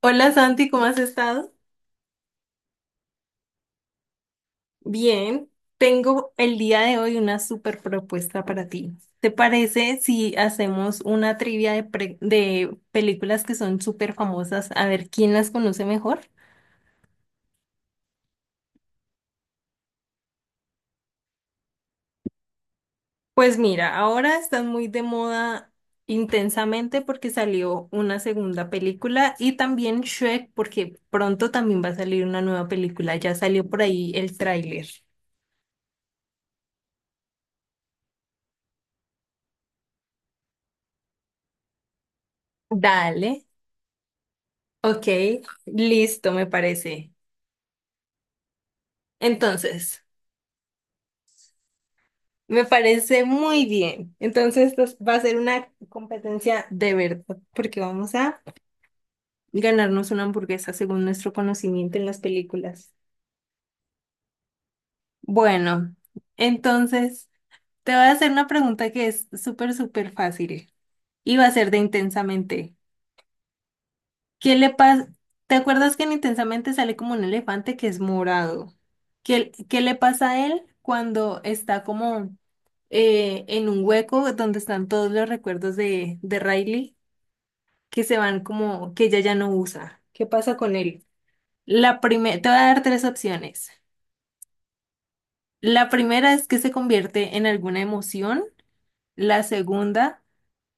Hola Santi, ¿cómo has estado? Bien, tengo el día de hoy una super propuesta para ti. ¿Te parece si hacemos una trivia de, de películas que son súper famosas? A ver quién las conoce mejor. Pues mira, ahora están muy de moda intensamente porque salió una segunda película y también Shrek porque pronto también va a salir una nueva película. Ya salió por ahí el tráiler. Dale, ok, listo, me parece. Entonces. Me parece muy bien. Entonces, esto va a ser una competencia de verdad, porque vamos a ganarnos una hamburguesa según nuestro conocimiento en las películas. Bueno, entonces te voy a hacer una pregunta que es súper, súper fácil y va a ser de Intensamente. ¿Qué le pasa? ¿Te acuerdas que en Intensamente sale como un elefante que es morado? ¿Qué le pasa a él cuando está como en un hueco donde están todos los recuerdos de Riley? Que se van como que ella ya no usa. ¿Qué pasa con él? La primera, te voy a dar tres opciones. La primera es que se convierte en alguna emoción. La segunda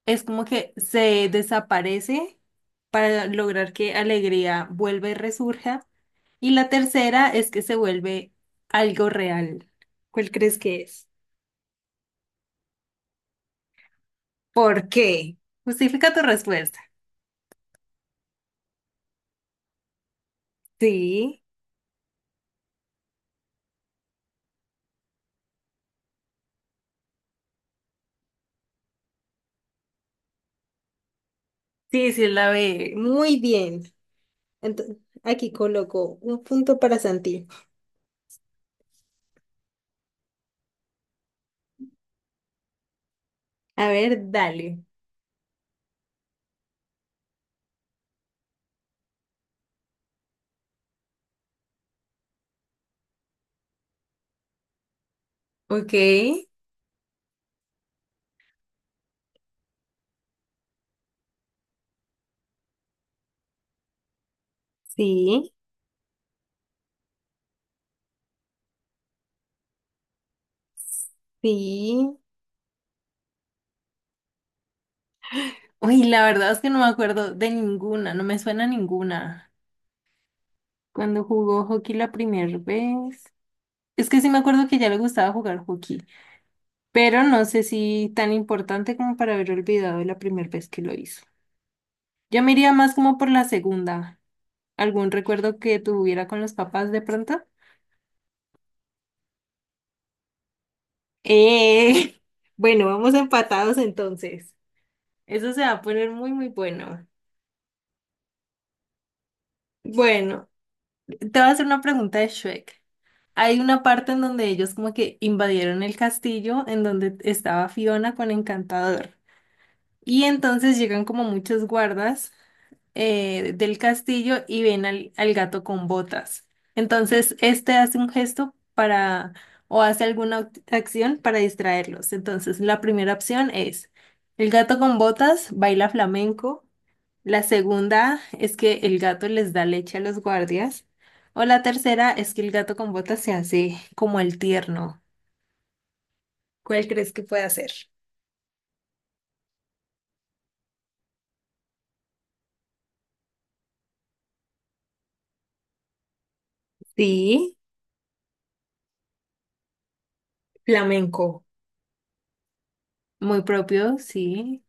es como que se desaparece para lograr que alegría vuelva y resurja. Y la tercera es que se vuelve algo real. ¿Cuál crees que es? ¿Por qué? Justifica tu respuesta. Sí, sí, sí, la ve muy bien. Ento- Aquí coloco un punto para Santi. A ver, dale. Ok. Sí, sí. Uy, la verdad es que no me acuerdo de ninguna, no me suena ninguna. Cuando jugó hockey la primera vez. Es que sí me acuerdo que ya le gustaba jugar hockey, pero no sé si tan importante como para haber olvidado la primera vez que lo hizo. Yo me iría más como por la segunda. ¿Algún recuerdo que tuviera con los papás de pronto? Eh, bueno, vamos empatados entonces. Eso se va a poner muy, muy bueno. Bueno, te voy a hacer una pregunta de Shrek. Hay una parte en donde ellos como que invadieron el castillo en donde estaba Fiona con Encantador. Y entonces llegan como muchos guardas del castillo y ven al, al gato con botas. Entonces, este hace un gesto para o hace alguna acción para distraerlos. Entonces, la primera opción es, el gato con botas baila flamenco, la segunda es que el gato les da leche a los guardias. O la tercera es que el gato con botas se hace como el tierno. ¿Cuál crees que puede hacer? Sí, flamenco. Muy propio, sí,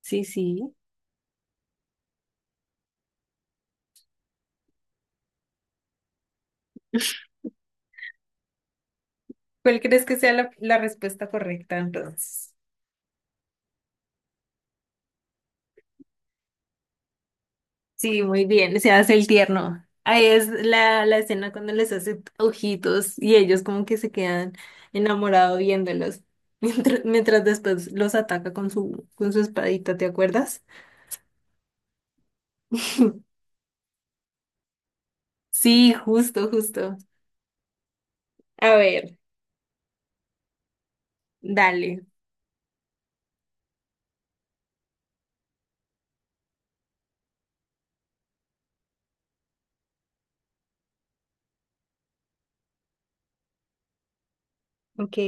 sí, sí. ¿Cuál crees que sea la, la respuesta correcta entonces? Sí, muy bien, se hace el tierno. Ahí es la, la escena cuando les hace ojitos y ellos como que se quedan enamorados viéndolos, mientras después los ataca con su espadita, ¿te acuerdas? Sí, justo, justo. A ver, dale. Ok.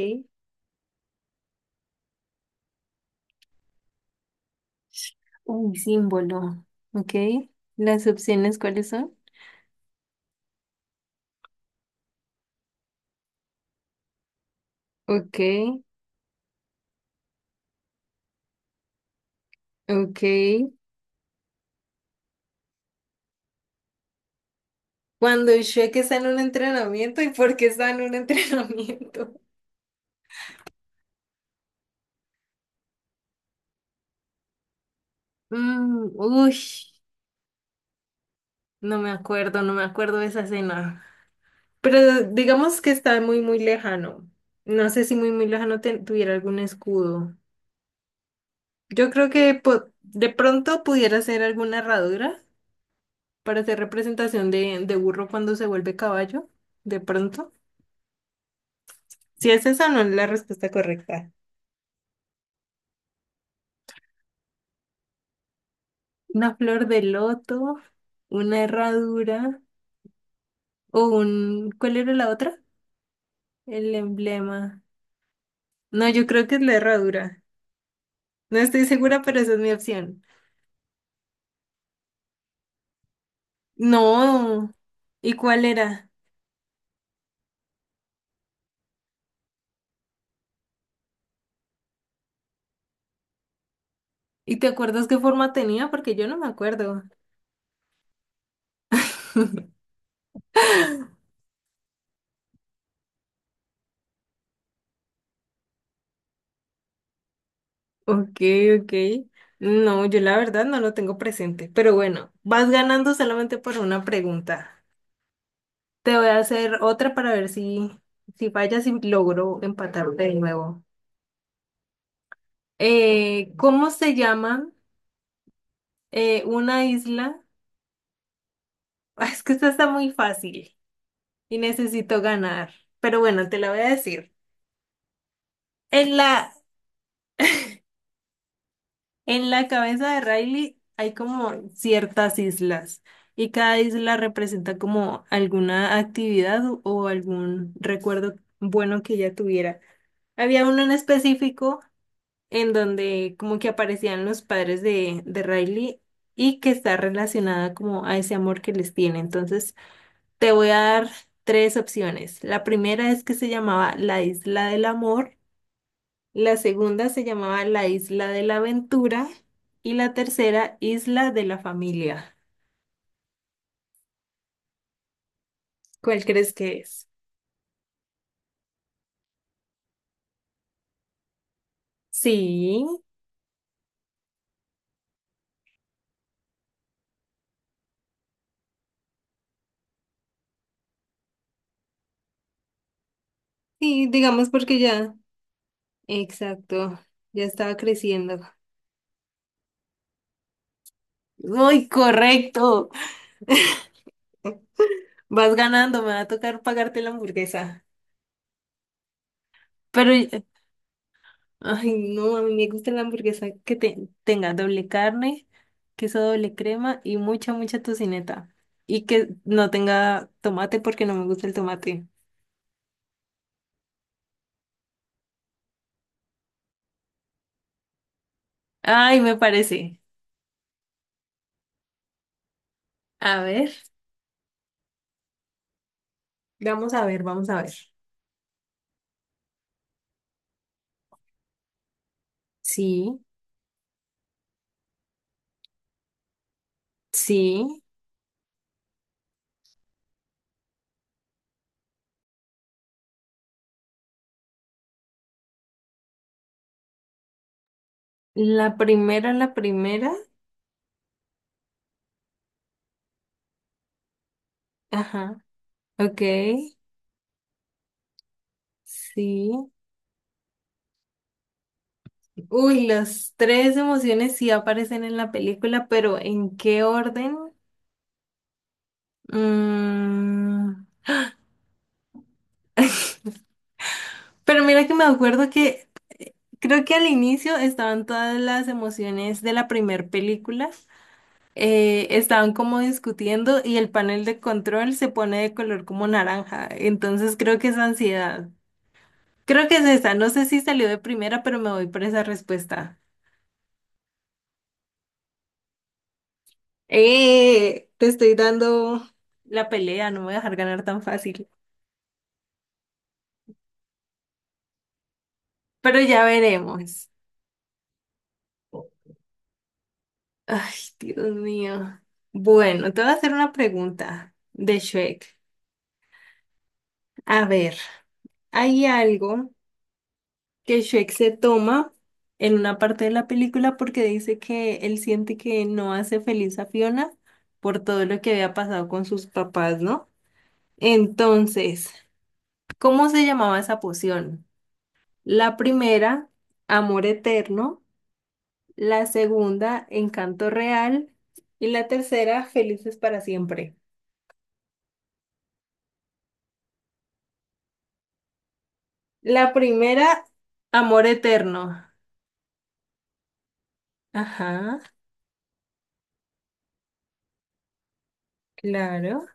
Un símbolo. Ok. ¿Las opciones cuáles son? Ok, ok. Cuando Shrek está en un entrenamiento, ¿y por qué está en un entrenamiento? Mm, uy, no me acuerdo, no me acuerdo de esa escena. Pero digamos que está muy, muy lejano. No sé si muy, muy lejano tuviera algún escudo. Yo creo que de pronto pudiera ser alguna herradura, para hacer representación de burro cuando se vuelve caballo, de pronto. Si es esa, no es la respuesta correcta. Una flor de loto, una herradura o un... ¿Cuál era la otra? El emblema. No, yo creo que es la herradura. No estoy segura, pero esa es mi opción. No. ¿Y cuál era? ¿Y te acuerdas qué forma tenía? Porque yo no me acuerdo. Ok, ok. No, yo la verdad no lo tengo presente, pero bueno, vas ganando solamente por una pregunta. Te voy a hacer otra para ver si, si fallas y logro empatarte de nuevo. ¿Cómo se llama una isla? Es que esta está muy fácil y necesito ganar, pero bueno, te la voy a decir. En la En la cabeza de Riley hay como ciertas islas y cada isla representa como alguna actividad o algún recuerdo bueno que ella tuviera. Había uno en específico en donde como que aparecían los padres de Riley y que está relacionada como a ese amor que les tiene. Entonces te voy a dar tres opciones. La primera es que se llamaba la Isla del Amor. La segunda se llamaba la Isla de la Aventura y la tercera Isla de la Familia. ¿Cuál crees que es? Sí, sí, digamos porque ya. Exacto, ya estaba creciendo. ¡Uy, correcto! Vas ganando, me va a tocar pagarte la hamburguesa. Pero ay, no, a mí me gusta la hamburguesa que tenga doble carne, queso doble crema y mucha, mucha tocineta. Y que no tenga tomate porque no me gusta el tomate. Ay, me parece. A ver, vamos a ver, vamos a ver. Sí, sí. La primera, la primera. Ajá, ok, sí. Uy, las tres emociones sí aparecen en la película, pero ¿en qué orden? Mm, pero mira que me acuerdo que eh, creo que al inicio estaban todas las emociones de la primer película, estaban como discutiendo y el panel de control se pone de color como naranja, entonces creo que es ansiedad. Creo que es esa, no sé si salió de primera, pero me voy por esa respuesta. Te estoy dando la pelea, no me voy a dejar ganar tan fácil, pero ya veremos. Ay, Dios mío. Bueno, te voy a hacer una pregunta de Shrek. A ver. Hay algo que Shrek se toma en una parte de la película porque dice que él siente que no hace feliz a Fiona por todo lo que había pasado con sus papás, ¿no? Entonces, ¿cómo se llamaba esa poción? La primera, amor eterno, la segunda, encanto real y la tercera, felices para siempre. La primera, amor eterno. Ajá, claro.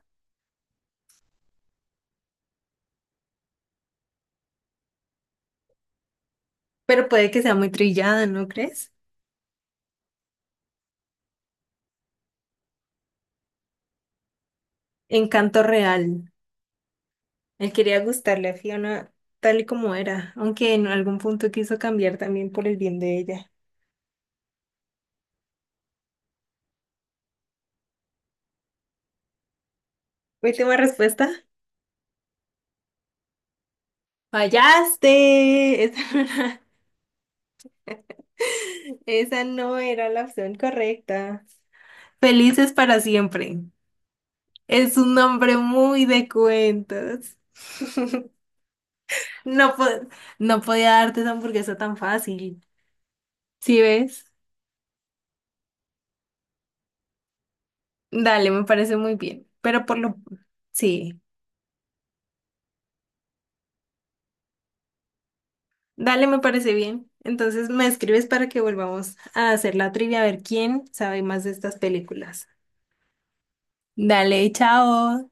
Pero puede que sea muy trillada, ¿no crees? Encanto real. Él quería gustarle a Fiona tal y como era, aunque en algún punto quiso cambiar también por el bien de ella. Última respuesta. Fallaste. Esa no era, esa no era la opción correcta. Felices para siempre. Es un nombre muy de cuentos. No, no podía darte esa hamburguesa tan fácil. ¿Sí ves? Dale, me parece muy bien. Pero por lo... Sí. Dale, me parece bien. Entonces me escribes para que volvamos a hacer la trivia, a ver quién sabe más de estas películas. Dale, chao.